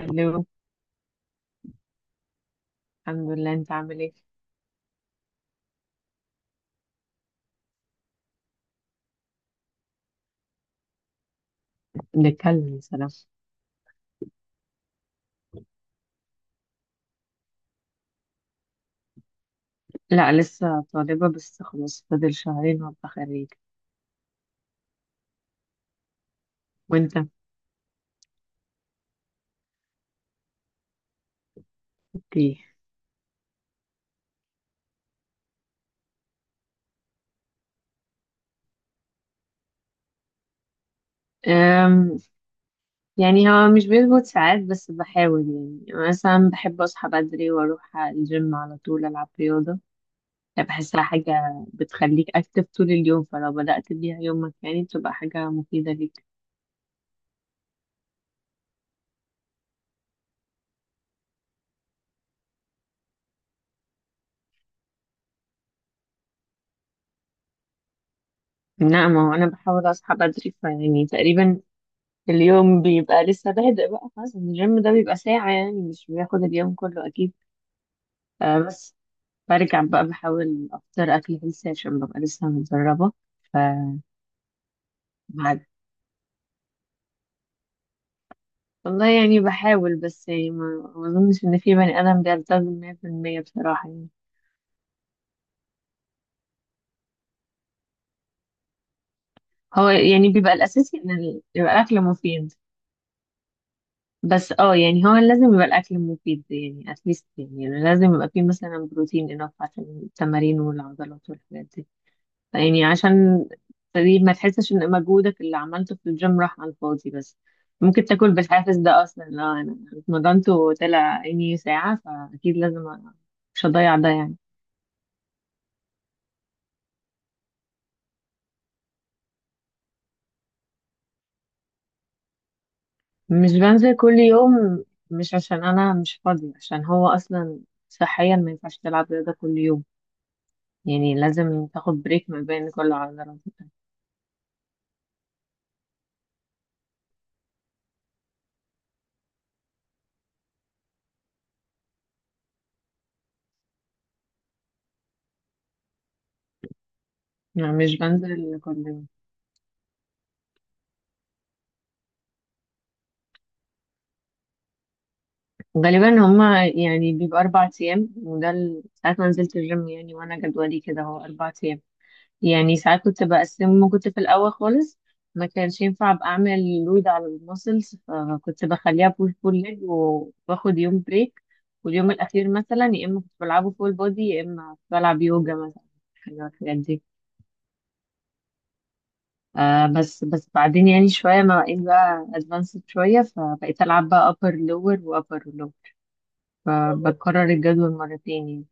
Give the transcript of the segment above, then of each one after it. الو. الحمد لله، انت عامل ايه؟ بنتكلم، يا سلام. لا لسه طالبة بس خلاص فاضل 2 شهور وابقى خريج. وانت؟ ايه. أم يعني هو مش بيظبط ساعات بس بحاول. يعني مثلا بحب اصحى بدري واروح الجيم على طول العب رياضة. يعني بحسها حاجة بتخليك اكتف طول اليوم، فلو بدأت بيها يومك يعني بتبقى حاجة مفيدة ليك. لا ما هو انا بحاول اصحى بدري فيعني تقريبا اليوم بيبقى لسه بادئ. بقى خلاص الجيم ده بيبقى ساعة، يعني مش بياخد اليوم كله أكيد. آه بس. برجع بقى بحاول أفطر أكل هيلثي عشان ببقى لسه متدربة. ف بعد. والله يعني بحاول بس يعني ما أظنش إن في بني آدم بيلتزم 100% بصراحة يعني. هو يعني بيبقى الأساسي يبقى الأكل مفيد. بس اه يعني هو لازم يبقى الأكل مفيد، يعني أتليست يعني لازم يبقى فيه مثلا بروتين إنف عشان التمارين والعضلات والحاجات دي. يعني عشان تقريبا ما تحسش ان مجهودك اللي عملته في الجيم راح على الفاضي بس. ممكن تاكل بالحافز ده اصلا، لا انا اتمرنت وطلع عيني ساعة فاكيد لازم مش هضيع ده يعني. مش بنزل كل يوم. مش عشان انا مش فاضي، عشان هو اصلا صحيا ما ينفعش تلعب رياضة كل يوم. يعني لازم تاخد بريك ما بين كل عضلات. يعني مش بنزل كل يوم. غالبا هما يعني بيبقى 4 أيام، ساعات ما نزلت الجيم يعني وأنا جدولي كده هو 4 أيام. يعني ساعات كنت بقسمه لما كنت في الأول خالص، ما كانش ينفع أبقى أعمل لود على المسلز فكنت بخليها بول بول ليج وباخد يوم بريك. واليوم الأخير مثلا يا إما كنت بلعبه فول بودي يا إما بلعب يوجا مثلا، حاجة من الحاجات دي. آه بس بعدين يعني شوية ما بقيت بقى أدفانسد شوية فبقيت ألعب بقى أبر لور وأبر لور. فبكرر الجدول مرتين يعني.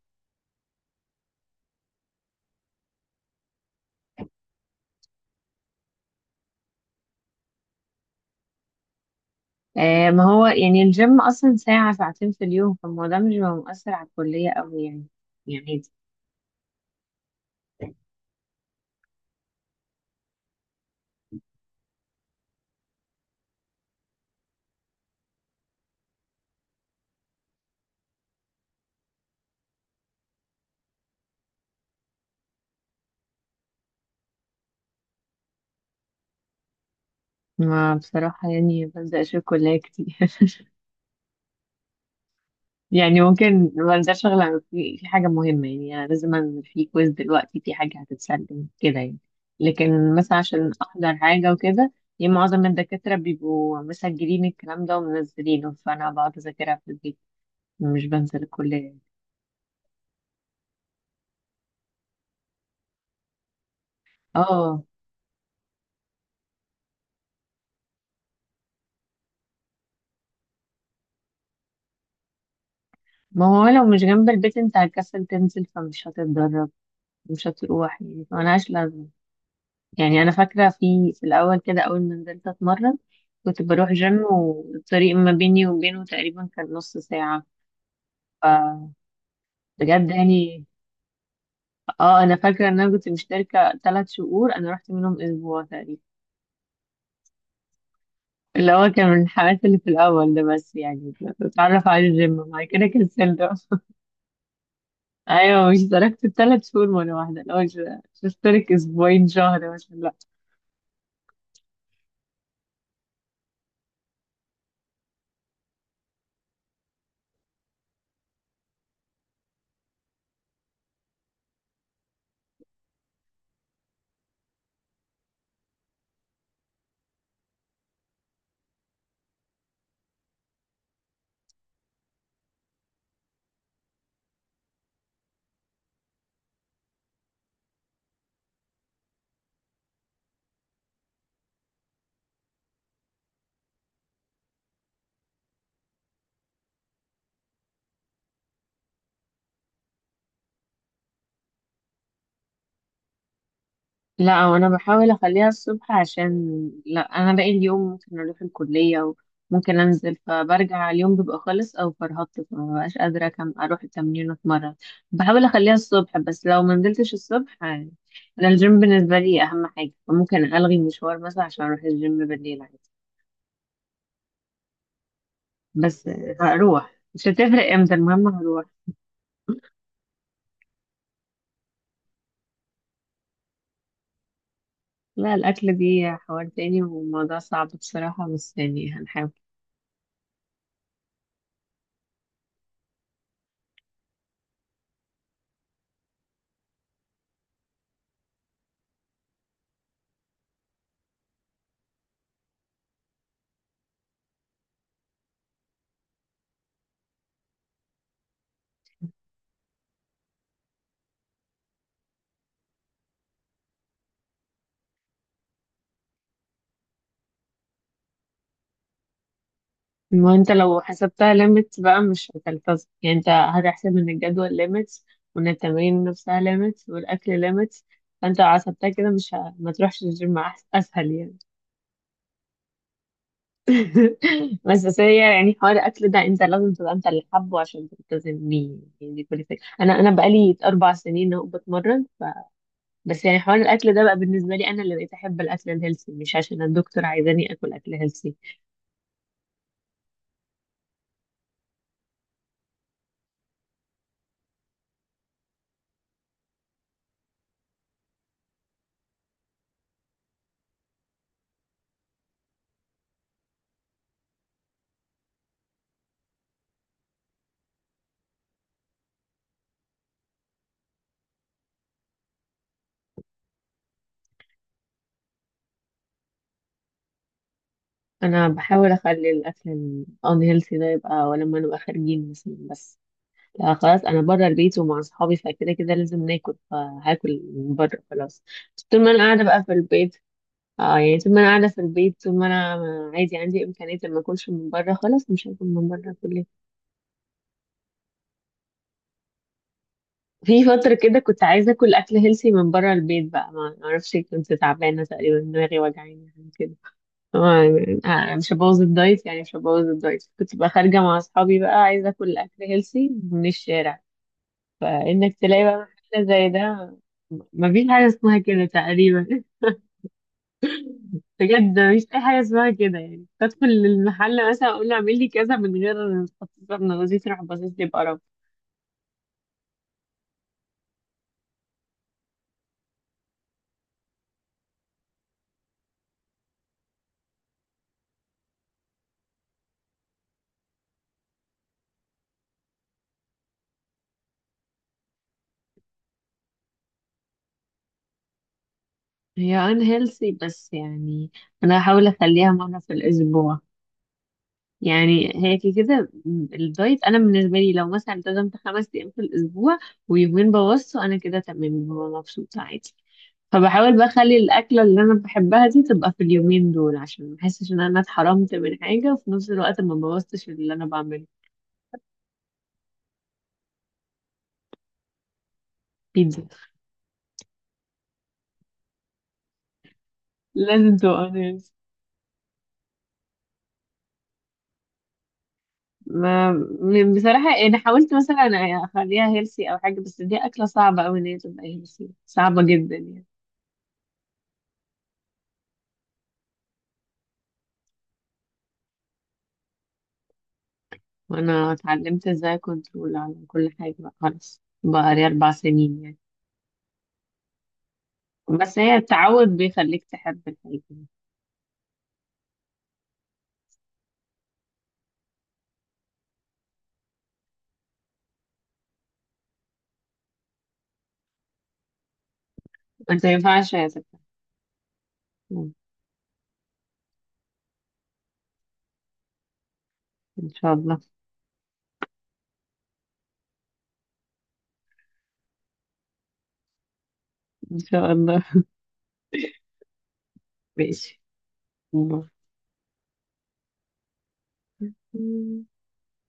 آه ما هو يعني الجيم أصلا ساعة 2 ساعات في اليوم فالموضوع مش بيبقى مؤثر على الكلية أوي يعني. يعني ما بصراحة يعني بنزل أشوف كلية كتير يعني ممكن بنزل شغل في حاجة مهمة، يعني أنا لازم أعمل في كويز دلوقتي في حاجة هتتسلم كده يعني. لكن مثلا عشان أحضر حاجة وكده. يعني معظم من الدكاترة بيبقوا مسجلين الكلام ده ومنزلينه فأنا بقعد أذاكرها في البيت. مش بنزل الكلية يعني. اه ما هو لو مش جنب البيت انت هتكسل تنزل فمش هتتدرب. مش هتروح يعني ملهاش لازمة. يعني انا فاكره في الاول كده اول ما نزلت اتمرن كنت بروح جيم والطريق ما بيني وبينه تقريبا كان نص ساعه. فبجد يعني. اه انا فاكره ان انا كنت مشتركه 3 شهور انا رحت منهم اسبوع تقريبا، اللي هو كان من الحماس اللي في الاول ده بس يعني. بتعرف على الجيم بعد كده كنسلت ايوه مش اشتركت ال 3 شهور مره واحده، اللي هو مش هشترك 2 اسابيع شهر مثلا. لا وانا بحاول اخليها الصبح عشان لا انا باقي اليوم ممكن اروح الكلية وممكن انزل فبرجع اليوم بيبقى خلص او فرهطت فما بقاش قادرة كم اروح التمرين واتمرن. بحاول اخليها الصبح بس لو ما نزلتش الصبح انا الجيم بالنسبة لي اهم حاجة فممكن الغي مشوار مثلا عشان اروح الجيم بالليل عادي. بس هروح مش هتفرق امتى المهم هروح. لا الاكل دي حوار تاني وموضوع صعب بصراحة بس يعني هنحاول. ما انت لو حسبتها ليميتس بقى مش هتلتزم، يعني انت هتحسب ان الجدول ليميتس وان التمارين نفسها ليميتس والاكل ليميتس. فانت لو حسبتها كده مش ه... ما تروحش الجيم اسهل يعني. بس هي يعني حوار الاكل ده انت لازم تبقى انت اللي حابه عشان تلتزم بيه، يعني دي كل الفكره. انا بقالي 4 سنين اهو بتمرن بس يعني حوار الاكل ده بقى بالنسبه لي انا اللي بقيت احب الاكل الهيلثي مش عشان الدكتور عايزاني اكل اكل هيلثي. انا بحاول اخلي الاكل الان هيلثي ده يبقى ولما نبقى خارجين مثلا بس. لا خلاص انا بره البيت ومع اصحابي فكده كده لازم ناكل فهاكل من بره خلاص. بس طول ما انا قاعده بقى في البيت. اه يعني طول ما انا قاعده في البيت، طول ما انا عادي عندي امكانيه إن ما اكلش من بره خلاص مش هاكل من بره كل. في فتره كده كنت عايزه اكل اكل هيلثي من بره البيت بقى، ما اعرفش كنت تعبانه تقريبا دماغي وجعاني حاجة كده. آه، مش هبوظ الدايت يعني مش هبوظ الدايت. كنت بقى خارجة مع أصحابي بقى عايزة أكل أكل هيلسي من الشارع، فإنك تلاقي بقى محل زي ده. مفيش حاجة اسمها كده تقريبا بجد مفيش أي حاجة اسمها كده، يعني بدخل المحل مثلا أقول له اعمل لي كذا من غير تخصص ابن جوزي تروح باصص لي بقرف. هي ان هيلسي بس يعني أنا هحاول أخليها مرة في الأسبوع. يعني هي كده كده الدايت انا بالنسبه لي لو مثلا التزمت 5 ايام في الاسبوع ويومين بوظته انا كده تمام ببقى مبسوطه عادي. فبحاول بقى اخلي الاكله اللي انا بحبها دي تبقى في اليومين دول عشان ما احسش ان انا اتحرمت من حاجه وفي نفس الوقت ما بوظتش اللي انا بعمله. بيتزا. لازم تبقى honest. ما بصراحه انا حاولت مثلا اخليها هيلسي او حاجه، بس دي اكله صعبه قوي ان هي تبقى هيلسي، صعبه جدا يعني. وانا اتعلمت ازاي كنترول على كل حاجة بقى خلاص بقى لي 4 سنين يعني. بس هي التعود بيخليك تحب الحاجة. انت ما ينفعش يا ستة. ان شاء الله. ان شاء الله. ماشي.